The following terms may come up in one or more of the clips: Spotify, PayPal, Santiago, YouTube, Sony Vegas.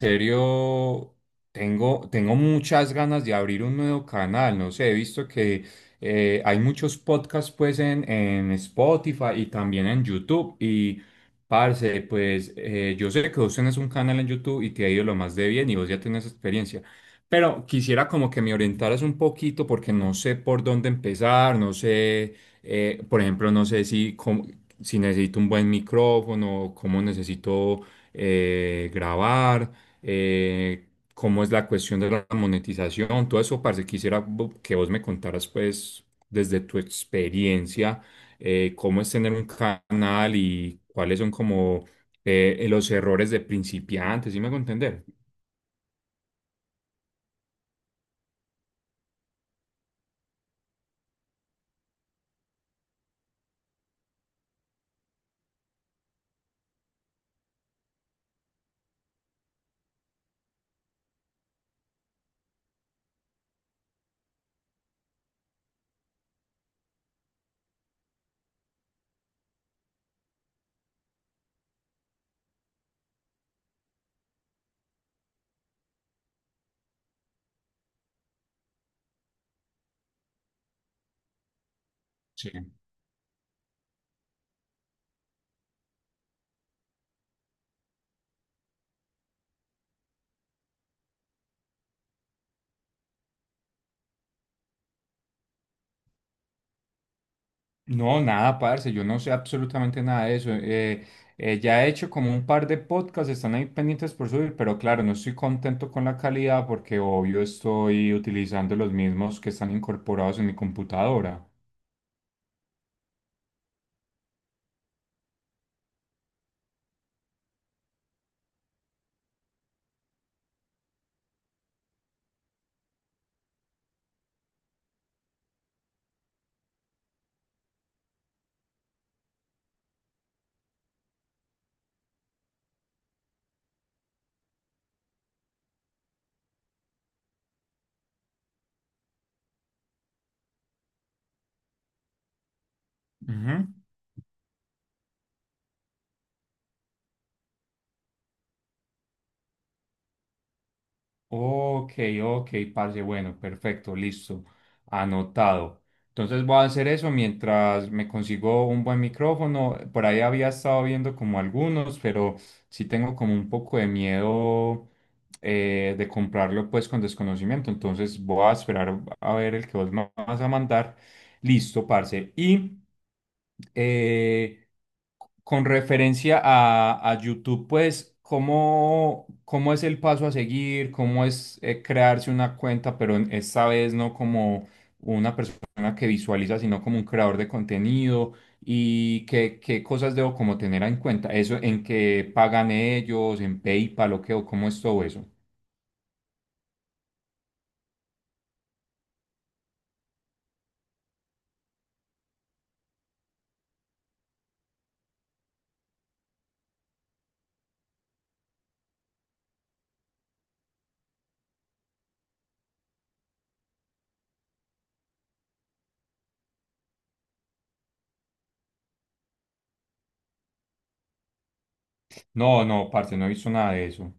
Serio, tengo muchas ganas de abrir un nuevo canal. No sé, he visto que hay muchos podcasts pues en Spotify y también en YouTube. Y parce, pues yo sé que vos tenés un canal en YouTube y te ha ido lo más de bien y vos ya tenés experiencia. Pero quisiera como que me orientaras un poquito porque no sé por dónde empezar, no sé, por ejemplo, no sé si, si necesito un buen micrófono, cómo necesito grabar, eh, cómo es la cuestión de la monetización, todo eso, parce, quisiera que vos me contaras, pues, desde tu experiencia, cómo es tener un canal y cuáles son como los errores de principiantes, ¿sí me hago entender? Sí. No, nada, parce, yo no sé absolutamente nada de eso. Ya he hecho como un par de podcasts, están ahí pendientes por subir, pero claro, no estoy contento con la calidad porque obvio estoy utilizando los mismos que están incorporados en mi computadora. Ujú. Ok, ok, parce, bueno, perfecto, listo, anotado. Entonces voy a hacer eso mientras me consigo un buen micrófono. Por ahí había estado viendo como algunos, pero sí tengo como un poco de miedo de comprarlo pues con desconocimiento. Entonces voy a esperar a ver el que vos me vas a mandar. Listo, parce. Eh, con referencia a YouTube, pues, ¿cómo, cómo es el paso a seguir? ¿Cómo es, crearse una cuenta, pero esta vez no como una persona que visualiza, sino como un creador de contenido? ¿Y qué, qué cosas debo como tener en cuenta? ¿Eso en qué pagan ellos, en PayPal o qué, o cómo es todo eso? No, no, parce, no he visto nada de eso.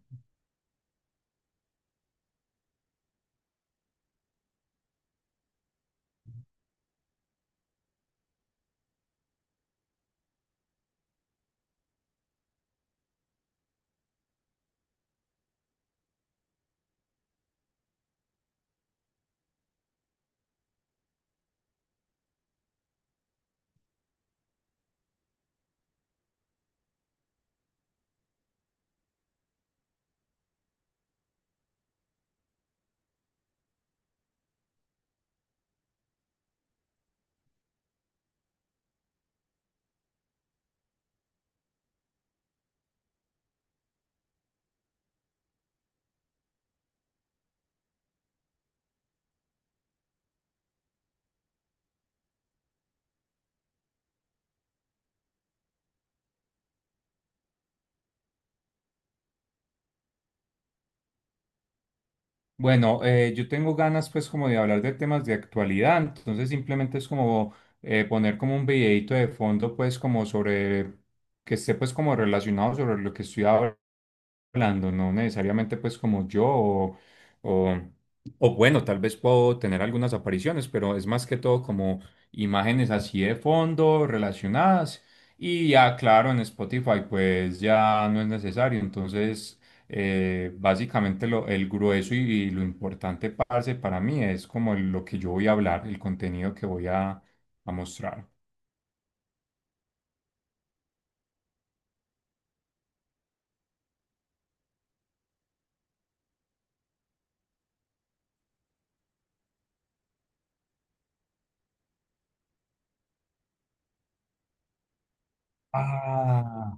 Bueno, yo tengo ganas pues como de hablar de temas de actualidad, entonces simplemente es como poner como un videito de fondo pues como sobre que esté pues como relacionado sobre lo que estoy hablando, no necesariamente pues como yo o, o bueno, tal vez puedo tener algunas apariciones, pero es más que todo como imágenes así de fondo relacionadas y ya claro en Spotify pues ya no es necesario, entonces... básicamente lo, el grueso y lo importante, parce, para mí es como lo que yo voy a hablar, el contenido que voy a mostrar. Ah.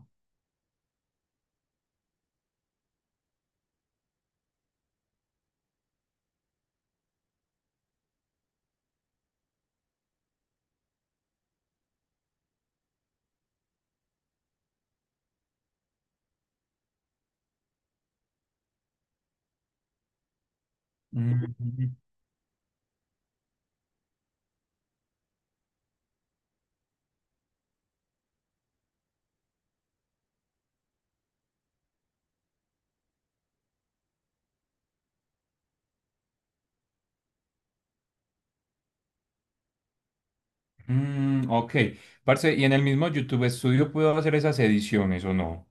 Mm, mm, ok, parce, ¿y en el mismo YouTube Studio puedo hacer esas ediciones o no?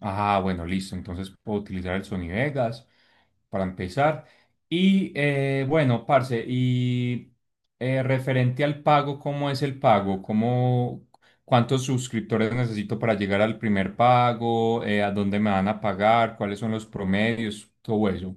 Ah, bueno, listo. Entonces puedo utilizar el Sony Vegas para empezar. Y bueno, parce, y referente al pago, ¿cómo es el pago? ¿Cómo, cuántos suscriptores necesito para llegar al primer pago? ¿A dónde me van a pagar? ¿Cuáles son los promedios? Todo eso.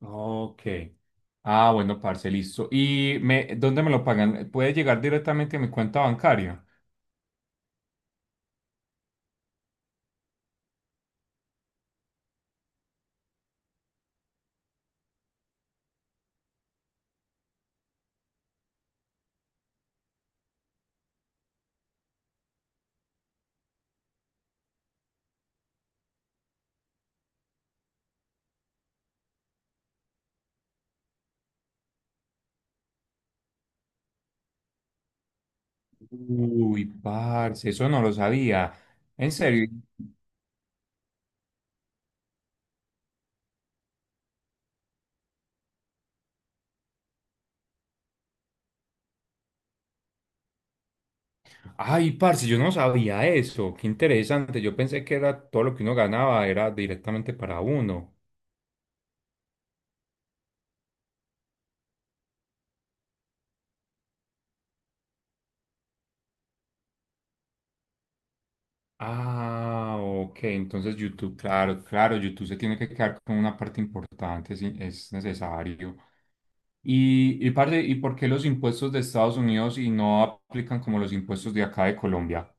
Ok. Ah, bueno, parce, listo. ¿Y me, dónde me lo pagan? ¿Puede llegar directamente a mi cuenta bancaria? Uy, parce, eso no lo sabía. En serio. Ay, parce, yo no sabía eso. Qué interesante. Yo pensé que era todo lo que uno ganaba era directamente para uno. Ah, ok. Entonces YouTube, claro, claro, YouTube se tiene que quedar con una parte importante, sí, es necesario. Y parce, ¿y por qué los impuestos de Estados Unidos y no aplican como los impuestos de acá de Colombia?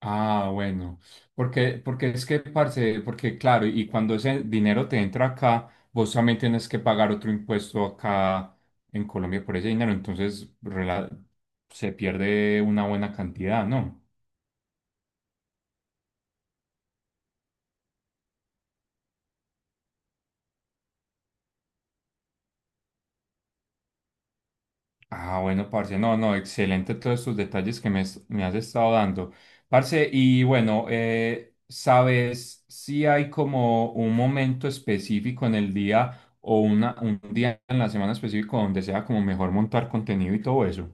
Ah, bueno, porque es que, parce, porque claro, y cuando ese dinero te entra acá, vos también tienes que pagar otro impuesto acá en Colombia por ese dinero, entonces se pierde una buena cantidad, ¿no? Ah, bueno, parce, no, no, excelente todos estos detalles que me has estado dando. Parce, y bueno, ¿sabes si hay como un momento específico en el día o una, un día en la semana específico donde sea como mejor montar contenido y todo eso?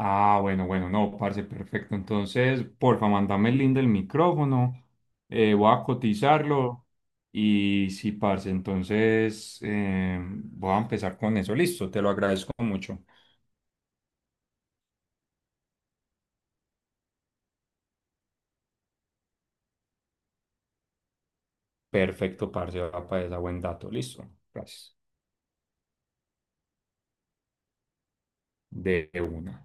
Ah, bueno, bueno, no, parce, perfecto. Entonces, porfa, mándame el link del micrófono, voy a cotizarlo y sí, parce, entonces voy a empezar con eso. Listo, te lo agradezco mucho. Perfecto, parce, va para esa buen dato. Listo. Gracias. De una.